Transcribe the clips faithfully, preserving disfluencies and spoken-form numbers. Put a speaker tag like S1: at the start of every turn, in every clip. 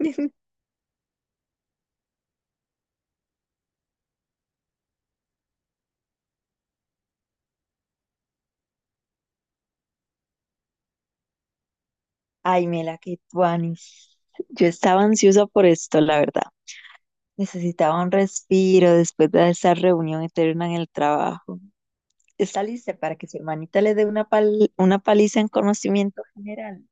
S1: Ay, Mela, qué tuanis. Yo estaba ansiosa por esto, la verdad. Necesitaba un respiro después de esa reunión eterna en el trabajo. ¿Está lista para que su hermanita le dé una, pal- una paliza en conocimiento general?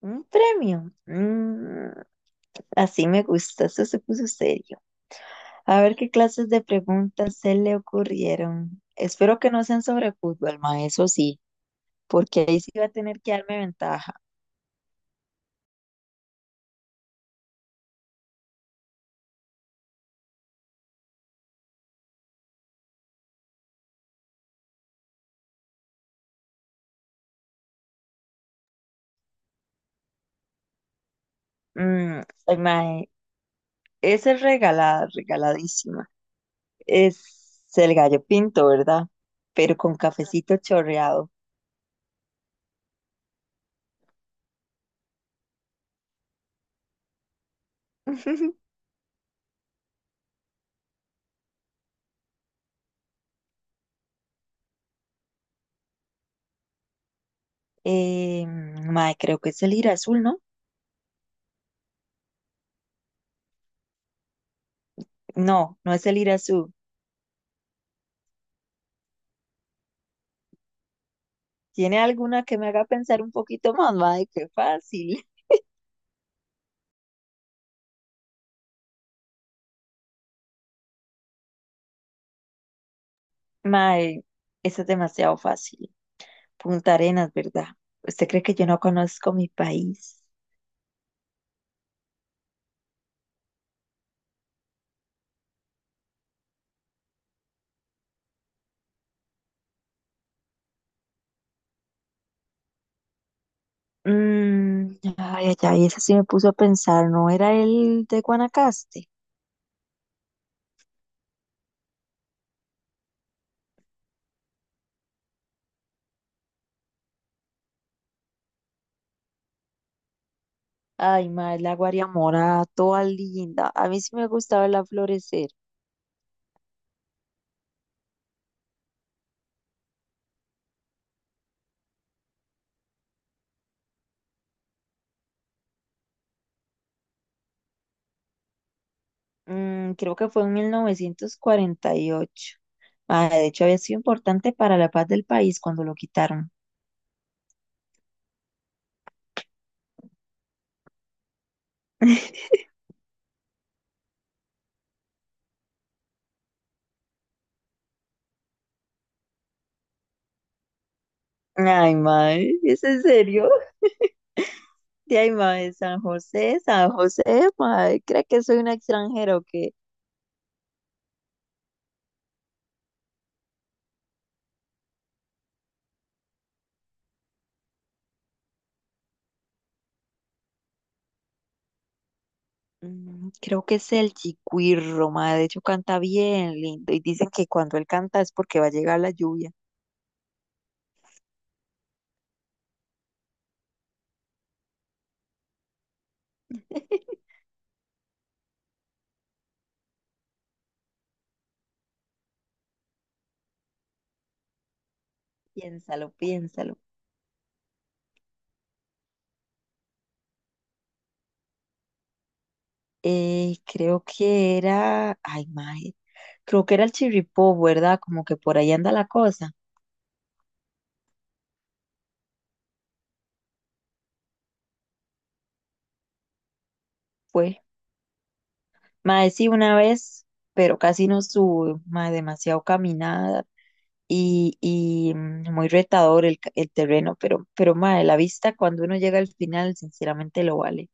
S1: ¿Un premio? Mm, así me gusta, eso se puso serio. A ver qué clases de preguntas se le ocurrieron. Espero que no sean sobre fútbol, ma, eso sí, porque ahí sí va a tener que darme ventaja. Mm, esa es regalada, regaladísima. Es el gallo pinto, ¿verdad? Pero con cafecito chorreado. Eh, mae, creo que es el ir azul, ¿no? No, no es el ir azul. ¿Tiene alguna que me haga pensar un poquito más? Mae, qué fácil. Mae, eso es demasiado fácil. Punta Arenas, ¿verdad? ¿Usted cree que yo no conozco mi país? Mm, ay, ay, ay, esa sí me puso a pensar, ¿no era el de Guanacaste? Ay, madre, la Guariamora, toda linda. A mí sí me gustaba verla florecer. Mm, creo que fue en mil novecientos cuarenta y ocho. Madre, de hecho, había sido importante para la paz del país cuando lo quitaron. Ay, madre, ¿es en serio? De ay, madre, San José, San José, madre, ¿cree que soy una extranjera o qué? Mm, creo que es el Chiquirro, madre, de hecho canta bien lindo y dicen que cuando él canta es porque va a llegar la lluvia. Piénsalo, piénsalo. Eh, creo que era, ay, mae, creo que era el Chirripó, ¿verdad? Como que por ahí anda la cosa. Fue, mae, sí, una vez, pero casi no sube, mae, demasiado caminada y, y mm, muy retador el, ca- el terreno, pero, pero, mae, la vista cuando uno llega al final, sinceramente lo vale.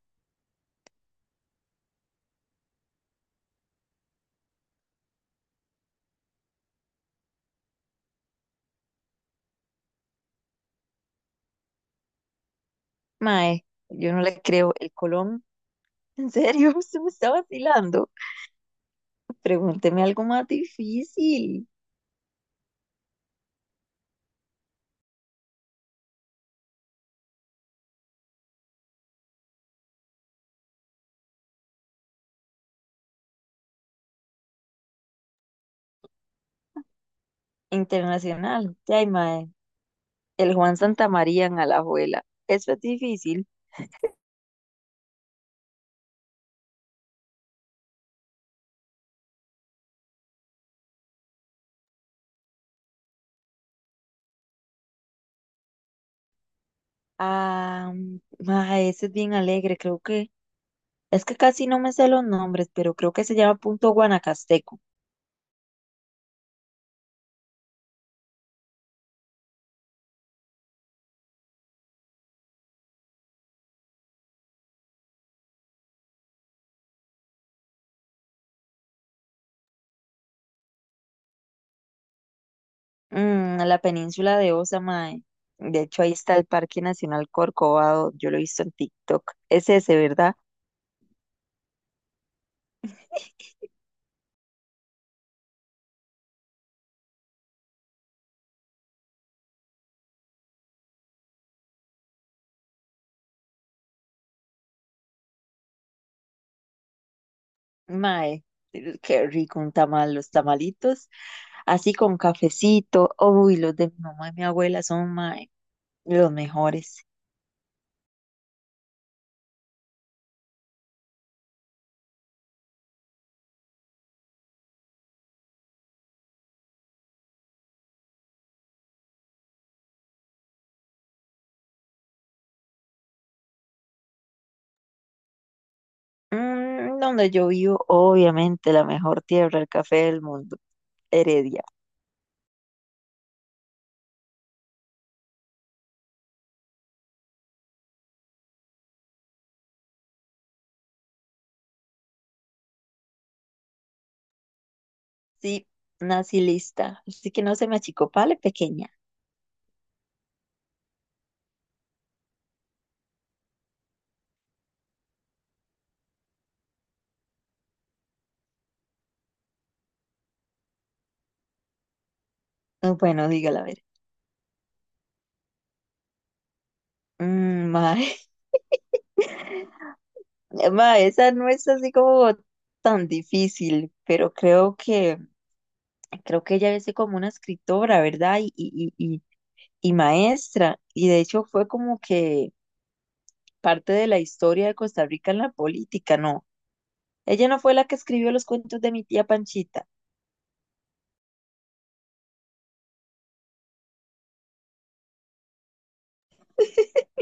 S1: Mae, yo no le creo, el Colón, ¿en serio? ¿Se me está vacilando? Pregúnteme algo más difícil. Internacional. Ya, mae. El Juan Santamaría en Alajuela. Eso es difícil. Ah, mae, ese es bien alegre, creo que. Es que casi no me sé los nombres, pero creo que se llama Punto Guanacasteco. Mm, la península de Osa, mae. De hecho, ahí está el Parque Nacional Corcovado. Yo lo he visto en TikTok. Es ese, ¿verdad? Mae, qué rico un tamal, los tamalitos. Así con cafecito. Uy, los de mi mamá y mi abuela son, mae, los mejores. Mm, donde yo vivo, obviamente, la mejor tierra, el café del mundo, Heredia. Sí, nací lista, así que no se me achicopale, pequeña. Ah, bueno, dígala a ver. Mm, mae, mae, esa no es así como tan difícil, pero creo que, creo que ella es como una escritora, ¿verdad? Y, y, y, y y maestra, y de hecho fue como que parte de la historia de Costa Rica en la política, ¿no? Ella no fue la que escribió los cuentos de mi tía Panchita.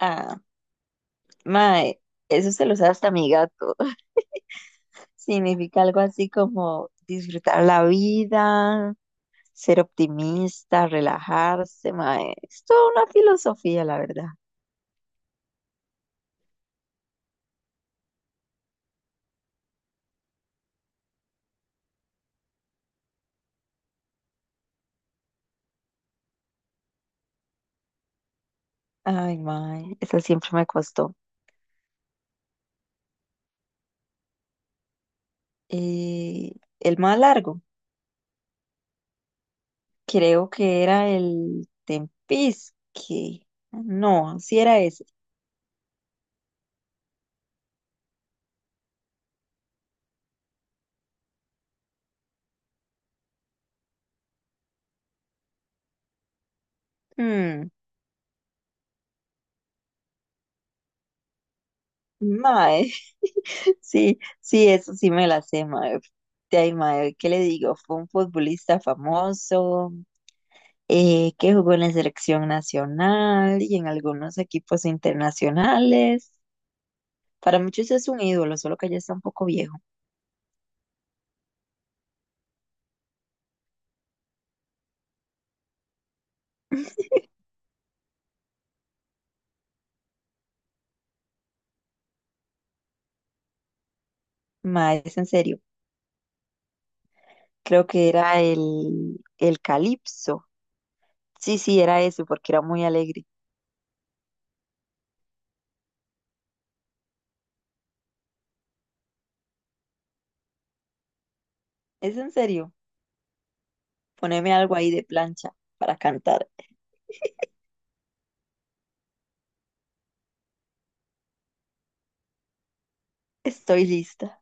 S1: Ah. Mae, eso se lo sabe hasta mi gato. Significa algo así como disfrutar la vida, ser optimista, relajarse, mae. Es toda una filosofía, la verdad. Ay, mae, eso siempre me costó. Eh, el más largo, creo que era el Tempisque. No, sí era ese. Mm, mae, sí, sí, eso sí me la sé, mae. De ahí, mae, ¿qué le digo? Fue un futbolista famoso, eh, que jugó en la selección nacional y en algunos equipos internacionales. Para muchos es un ídolo, solo que ya está un poco viejo. Mae, es en serio. Creo que era el, el Calipso. Sí, sí, era eso, porque era muy alegre. Es en serio. Poneme algo ahí de plancha para cantar. Estoy lista.